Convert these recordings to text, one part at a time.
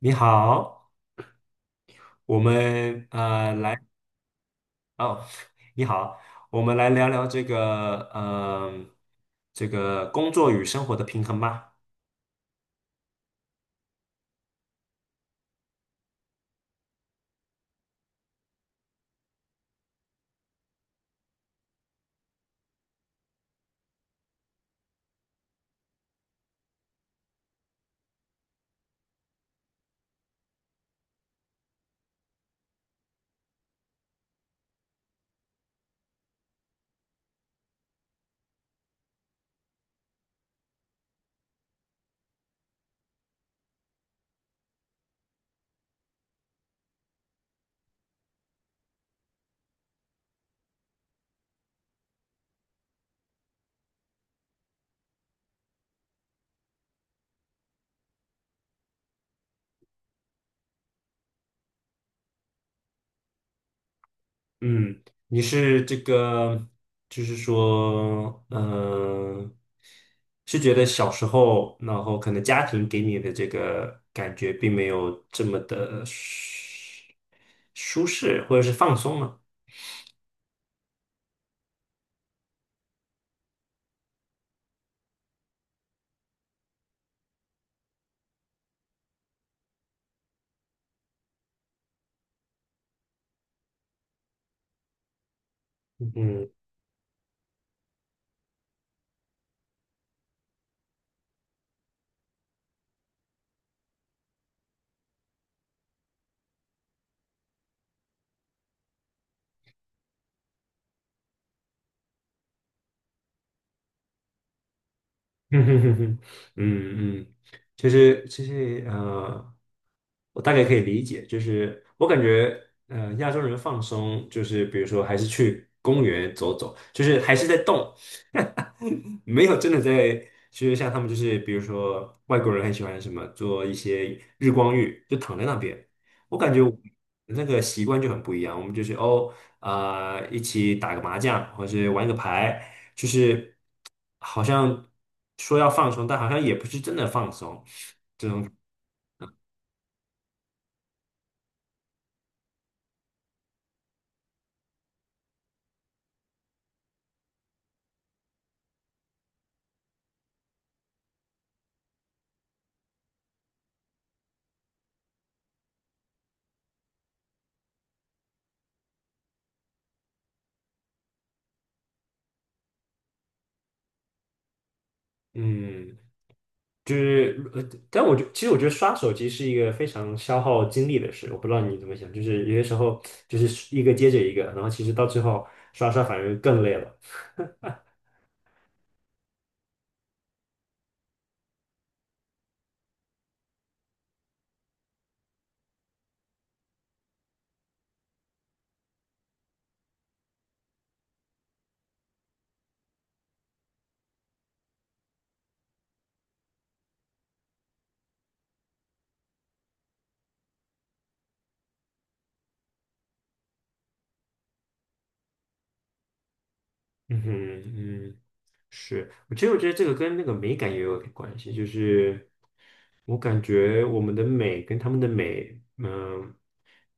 你好，我们呃来哦，你好，我们来聊聊这个工作与生活的平衡吧。嗯，你是这个就是说，是觉得小时候，然后可能家庭给你的这个感觉并没有这么的舒适或者是放松吗？嗯 嗯哼哼哼，嗯嗯，就是我大概可以理解，就是我感觉亚洲人放松，就是比如说还是去公园走走，就是还是在动，没有真的在，就是像他们就是比如说外国人很喜欢什么做一些日光浴，就躺在那边，我感觉我那个习惯就很不一样，我们就是哦啊、一起打个麻将，或是玩个牌，就是。好像说要放松，但好像也不是真的放松。这种，嗯，就是但其实我觉得刷手机是一个非常消耗精力的事。我不知道你怎么想，就是有些时候就是一个接着一个，然后其实到最后刷刷反而更累了。嗯哼，嗯，是，我其实我觉得这个跟那个美感也有点关系，就是我感觉我们的美跟他们的美，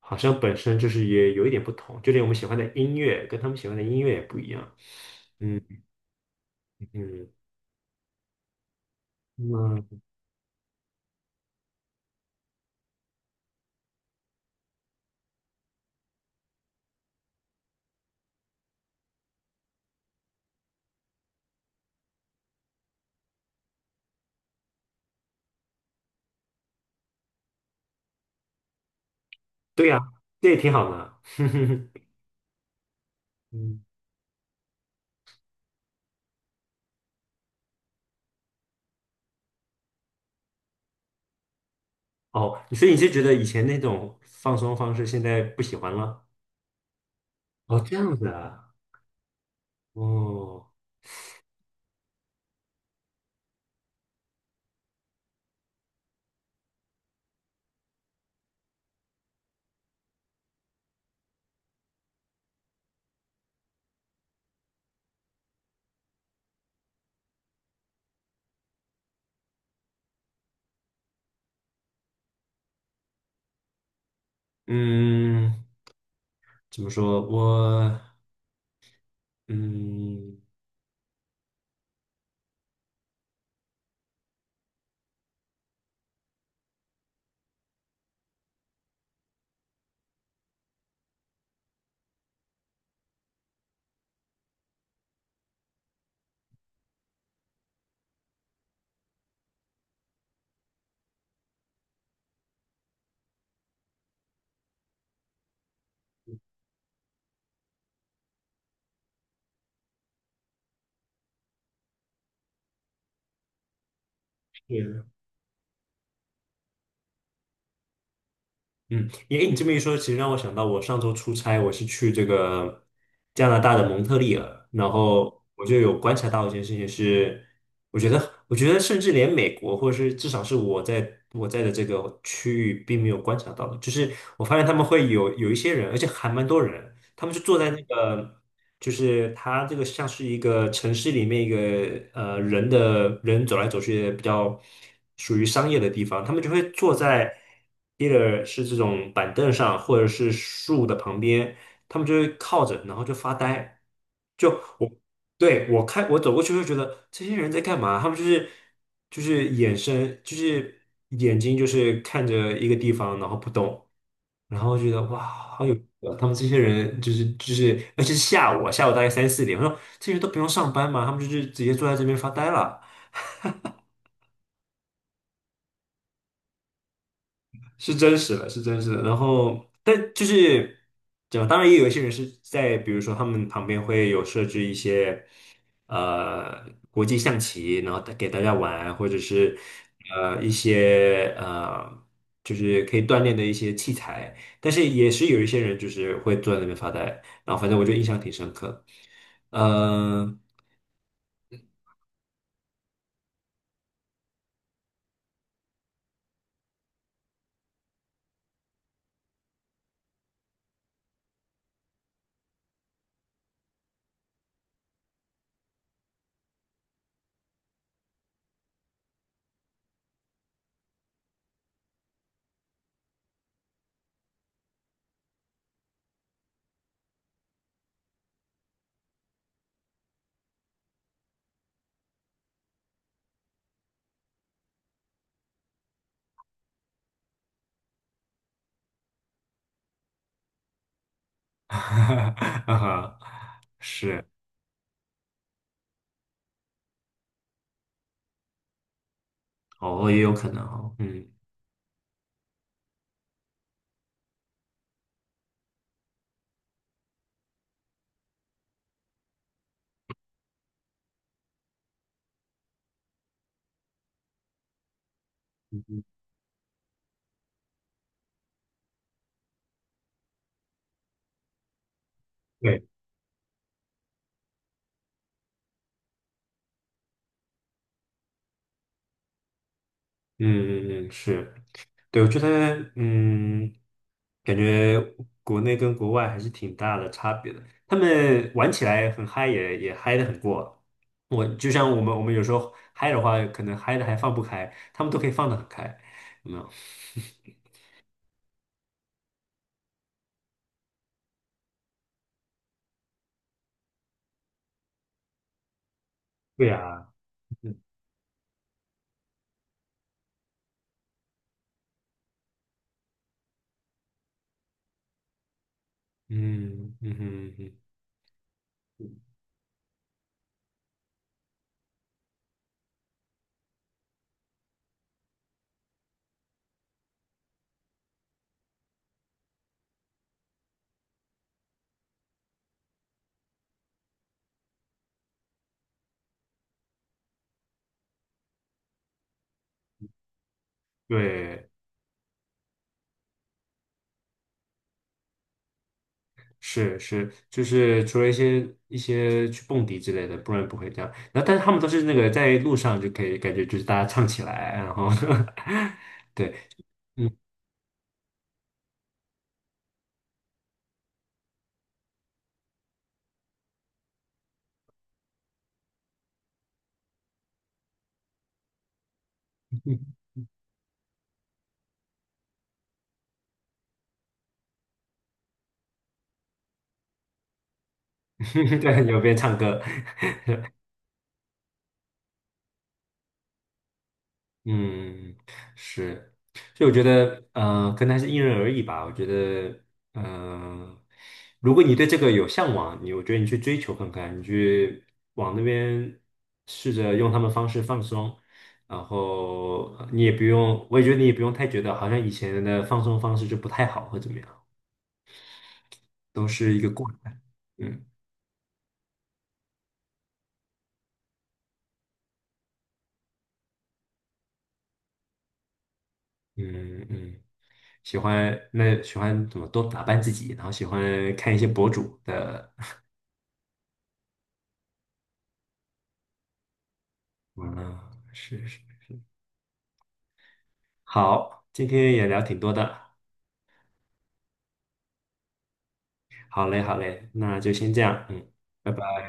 好像本身就是也有一点不同，就连我们喜欢的音乐跟他们喜欢的音乐也不一样。嗯嗯嗯，对呀、这也挺好的。嗯，哦，所以你是觉得以前那种放松方式现在不喜欢了？哦，这样子啊。哦，嗯，怎么说？嗯。是嗯，你这么一说，其实让我想到，我上周出差，我是去这个加拿大的蒙特利尔，然后我就有观察到一件事情是，我觉得甚至连美国，或者是至少是我在的这个区域，并没有观察到的，就是我发现他们会有一些人，而且还蛮多人，他们就坐在那个就是它这个像是一个城市里面一个人的人走来走去的比较属于商业的地方，他们就会坐在 either 是这种板凳上，或者是树的旁边，他们就会靠着，然后就发呆。就我对我看我走过去会觉得这些人在干嘛？他们就是眼神就是眼睛就是看着一个地方，然后不动。然后觉得哇，好有意思啊他们这些人就是，而且是下午啊下午大概三四点，我说这些人都不用上班嘛，他们就是直接坐在这边发呆了。是真实的，是真实的。然后，但就是怎么，当然也有一些人是在，比如说他们旁边会有设置一些呃国际象棋，然后带给大家玩，或者是一些就是可以锻炼的一些器材。但是也是有一些人就是会坐在那边发呆，然后反正我就印象挺深刻。嗯、啊哈是哦，也有可能哦，嗯，对，嗯嗯嗯，是。对，我觉得，嗯，感觉国内跟国外还是挺大的差别的。他们玩起来很嗨也，也嗨的很过。我就像我们，我们有时候嗨的话，可能嗨的还放不开，他们都可以放得很开。有没有？对呀，嗯嗯嗯哼嗯哼，对，是是，就是除了一些去蹦迪之类的，不然不会这样。然后，但是他们都是那个在路上就可以感觉就是大家唱起来，然后 对。嗯。对，有边唱歌，嗯，是，所以我觉得，可能还是因人而异吧。我觉得，嗯、如果你对这个有向往，你我觉得你去追求看看，你去往那边试着用他们方式放松，然后你也不用，我也觉得你也不用太觉得好像以前的放松方式就不太好或怎么样，都是一个过程。嗯嗯嗯，喜欢怎么多打扮自己，然后喜欢看一些博主的完了，是是，好，今天也聊挺多的，好嘞，好嘞，那就先这样，嗯，拜拜。